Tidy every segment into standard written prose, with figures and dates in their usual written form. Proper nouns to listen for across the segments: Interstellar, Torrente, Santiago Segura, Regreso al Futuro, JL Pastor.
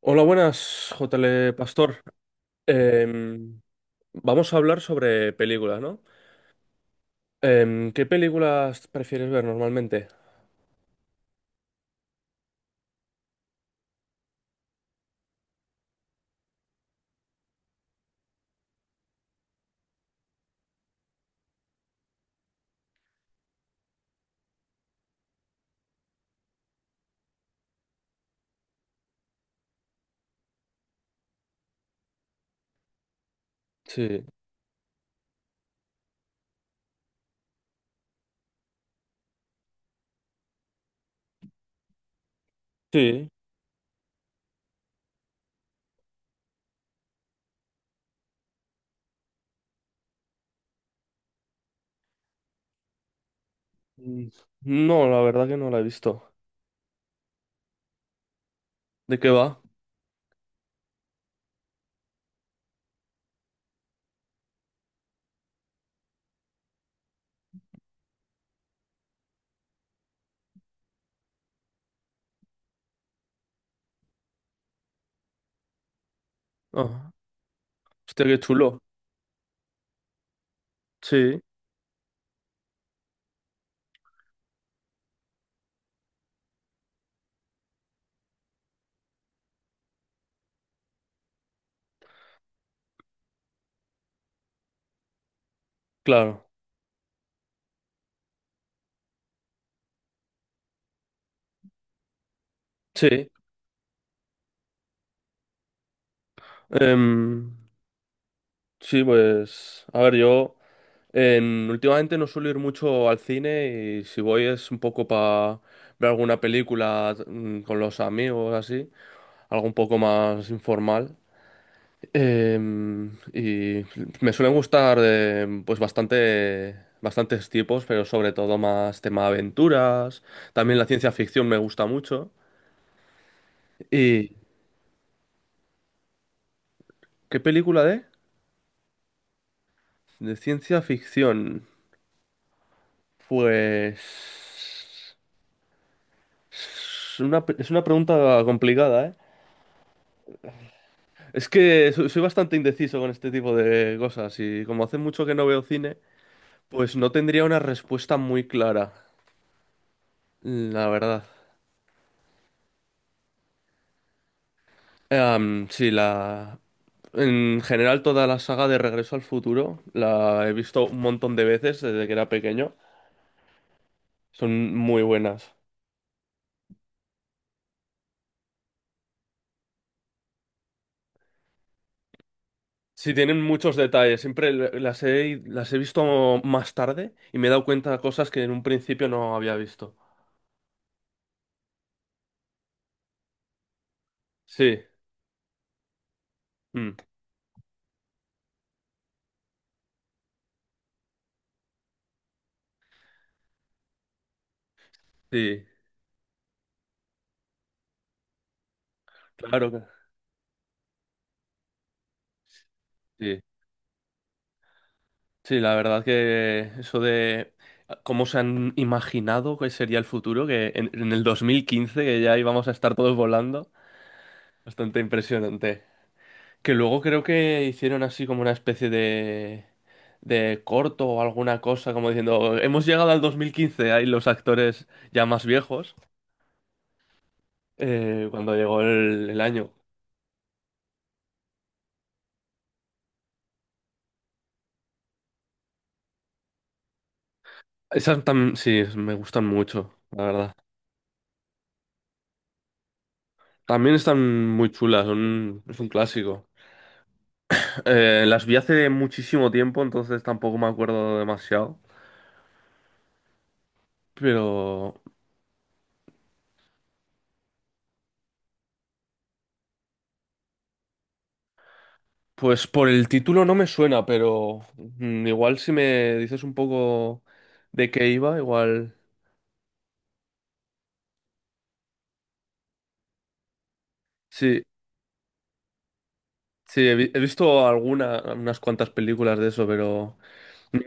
Hola, buenas, JL Pastor. Em, vamos a hablar sobre películas, ¿no? ¿Qué películas prefieres ver normalmente? Sí, sí. Mm, no, la verdad que no la he visto. ¿De qué va? Ah, hostia, qué chulo. Sí, claro. Sí. Em, sí, pues, a ver, yo últimamente no suelo ir mucho al cine y si voy es un poco para ver alguna película con los amigos, así, algo un poco más informal. Y me suelen gustar pues bastantes tipos, pero sobre todo más tema aventuras. También la ciencia ficción me gusta mucho. ¿Y qué película de? De ciencia ficción. Pues es una, es una pregunta complicada, ¿eh? Es que soy bastante indeciso con este tipo de cosas y como hace mucho que no veo cine, pues no tendría una respuesta muy clara, la verdad. Sí, la... En general, toda la saga de Regreso al Futuro la he visto un montón de veces desde que era pequeño. Son muy buenas. Sí, tienen muchos detalles. Siempre las he visto más tarde y me he dado cuenta de cosas que en un principio no había visto. Sí, mm, sí, claro que sí. Sí, la verdad que eso de ah, cómo se han imaginado que sería el futuro, que en el 2015, que ya íbamos a estar todos volando, bastante impresionante. Que luego creo que hicieron así como una especie de corto o alguna cosa, como diciendo, hemos llegado al 2015 ahí los actores ya más viejos, cuando llegó el año. Sí, me gustan mucho, la verdad. También están muy chulas, son, es un clásico. Las vi hace muchísimo tiempo, entonces tampoco me acuerdo demasiado. Pero, pues por el título no me suena, pero igual si me dices un poco de qué iba, igual... Sí, sí, he visto alguna, unas cuantas películas de eso, pero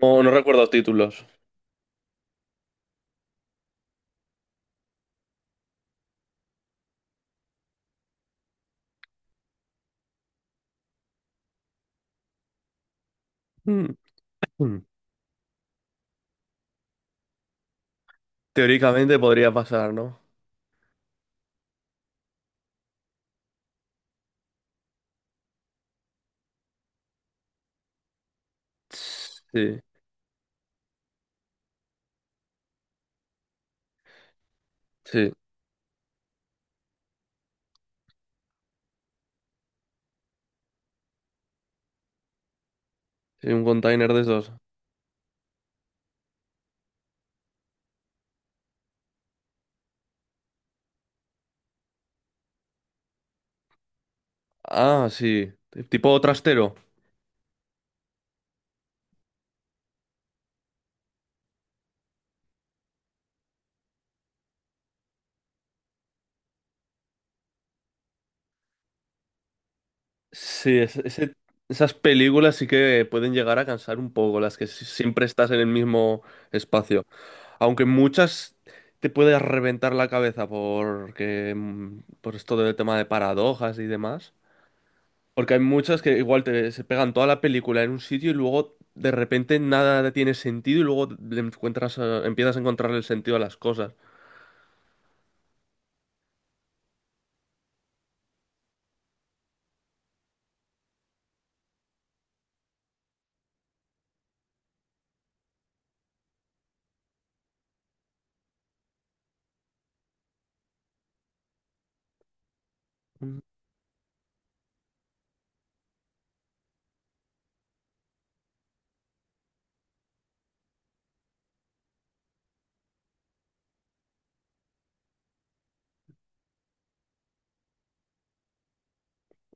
no, no recuerdo títulos. Mm, mm. Teóricamente podría pasar, ¿no? Sí, sí, sí, un container de esos. Ah, sí, tipo trastero. Sí, esas películas sí que pueden llegar a cansar un poco, las que siempre estás en el mismo espacio. Aunque muchas te puedes reventar la cabeza por esto del tema de paradojas y demás. Porque hay muchas que igual te, se pegan toda la película en un sitio y luego de repente nada tiene sentido y luego le encuentras, empiezas a encontrarle el sentido a las cosas. Mm,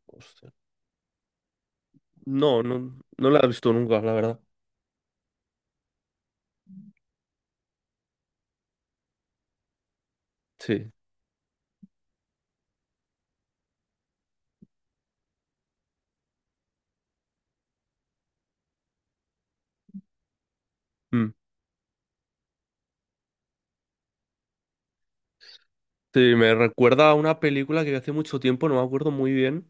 hostia. No, no, no la he visto nunca, la verdad. Sí. Mm. Sí, me recuerda a una película que vi hace mucho tiempo, no me acuerdo muy bien,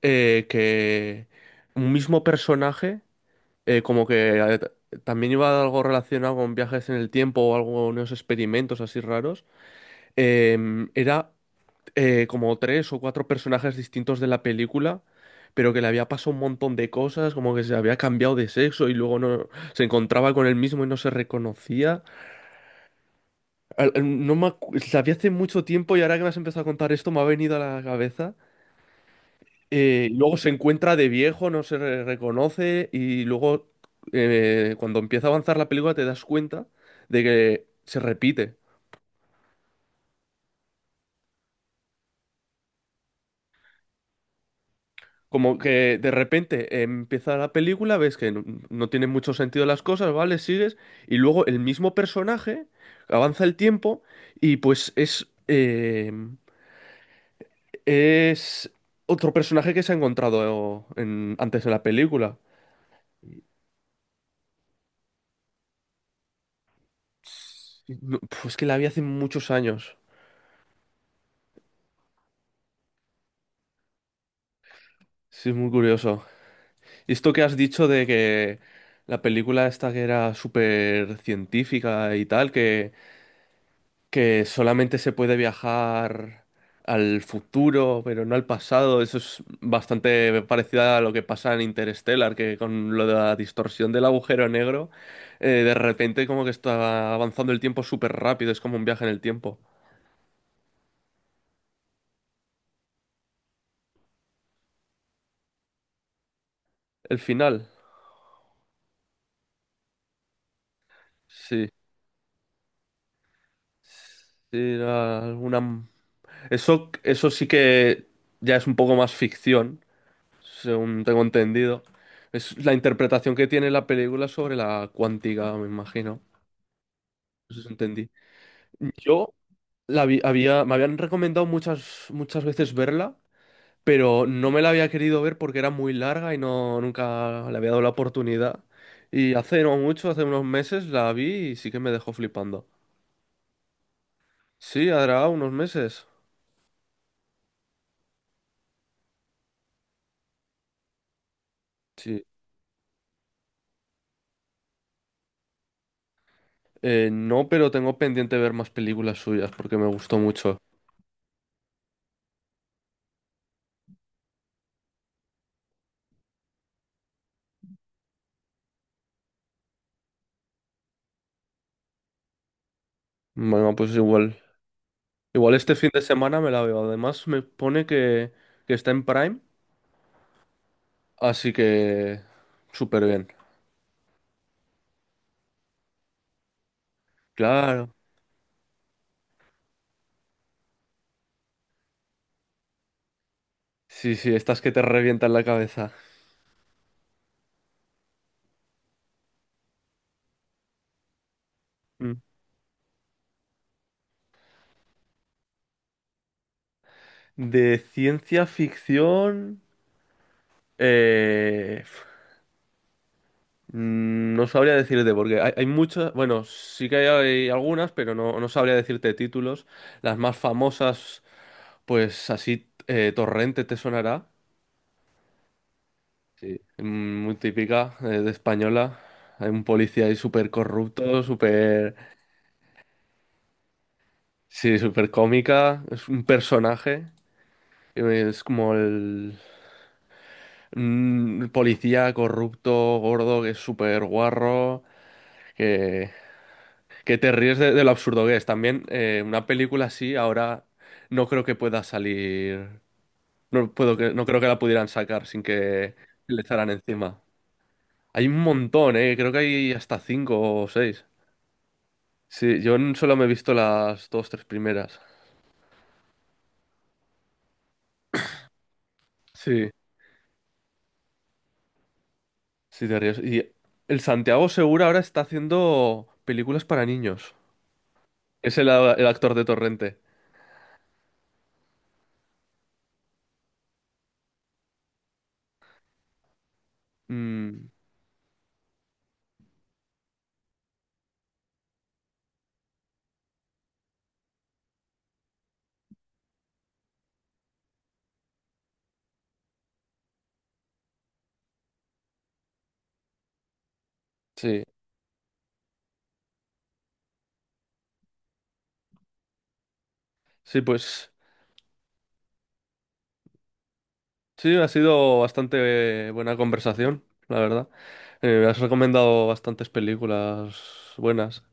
que un mismo personaje, eh, como que eh, t- también iba algo relacionado con viajes en el tiempo o algo, unos experimentos así raros, em, era como tres o cuatro personajes distintos de la película, pero que le había pasado un montón de cosas, como que se había cambiado de sexo y luego no se encontraba con él mismo y no se reconocía. Al- al- No me acu- la vi hace mucho tiempo y ahora que me has empezado a contar esto me ha venido a la cabeza. Y luego se encuentra de viejo, no se re- reconoce y luego cuando empieza a avanzar la película te das cuenta de que se repite. Como que de repente empieza la película, ves que no, no tienen mucho sentido las cosas, ¿vale? Sigues y luego el mismo personaje avanza el tiempo y pues es otro personaje que se ha encontrado antes de la película. Sí. No, pf, es que la vi hace muchos años. Sí, es muy curioso. Y esto que has dicho de que la película esta que era súper científica y tal, que solamente se puede viajar al futuro, pero no al pasado. Eso es bastante parecido a lo que pasa en Interstellar, que con lo de la distorsión del agujero negro, de repente como que está avanzando el tiempo súper rápido, es como un viaje en el tiempo. El final, sí. Sí, era alguna... Eso sí que ya es un poco más ficción, según tengo entendido. Es la interpretación que tiene la película sobre la cuántica, me imagino. Eso sí entendí. Yo había, me habían recomendado muchas veces verla, pero no me la había querido ver porque era muy larga y no, nunca le había dado la oportunidad. Y hace no mucho, hace unos meses, la vi y sí que me dejó flipando. Sí, hará unos meses. Sí. No, pero tengo pendiente ver más películas suyas porque me gustó mucho. Bueno, pues igual. Igual este fin de semana me la veo. Además, me pone que está en Prime, así que súper bien. Claro. Sí, sí, estas que te revientan la cabeza. Mm. De ciencia ficción. eh, no sabría decirte, porque hay muchas. Bueno, sí que hay algunas, pero no, no sabría decirte títulos. Las más famosas, pues así, Torrente te sonará. mm, Muy típica, de española. Hay un policía ahí súper corrupto, súper. Sí, súper cómica. Es un personaje. Es como el. Policía corrupto, gordo, que es súper guarro, que, que te ríes de lo absurdo que es. También una película así ahora no creo que pueda salir, no creo que la pudieran sacar sin que le echaran encima. Hay un montón, creo que hay hasta cinco o seis. Sí, solo me he visto las tres primeras. Sí, sí, te ríes. Y el Santiago Segura ahora está haciendo películas para niños. Es el actor de Torrente. Mm. Sí, sí, pues sí, ha sido bastante buena conversación, la verdad. Me has recomendado bastantes películas buenas.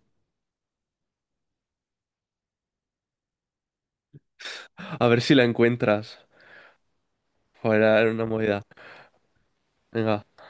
A ver si la encuentras. Fuera, era una movida. Venga.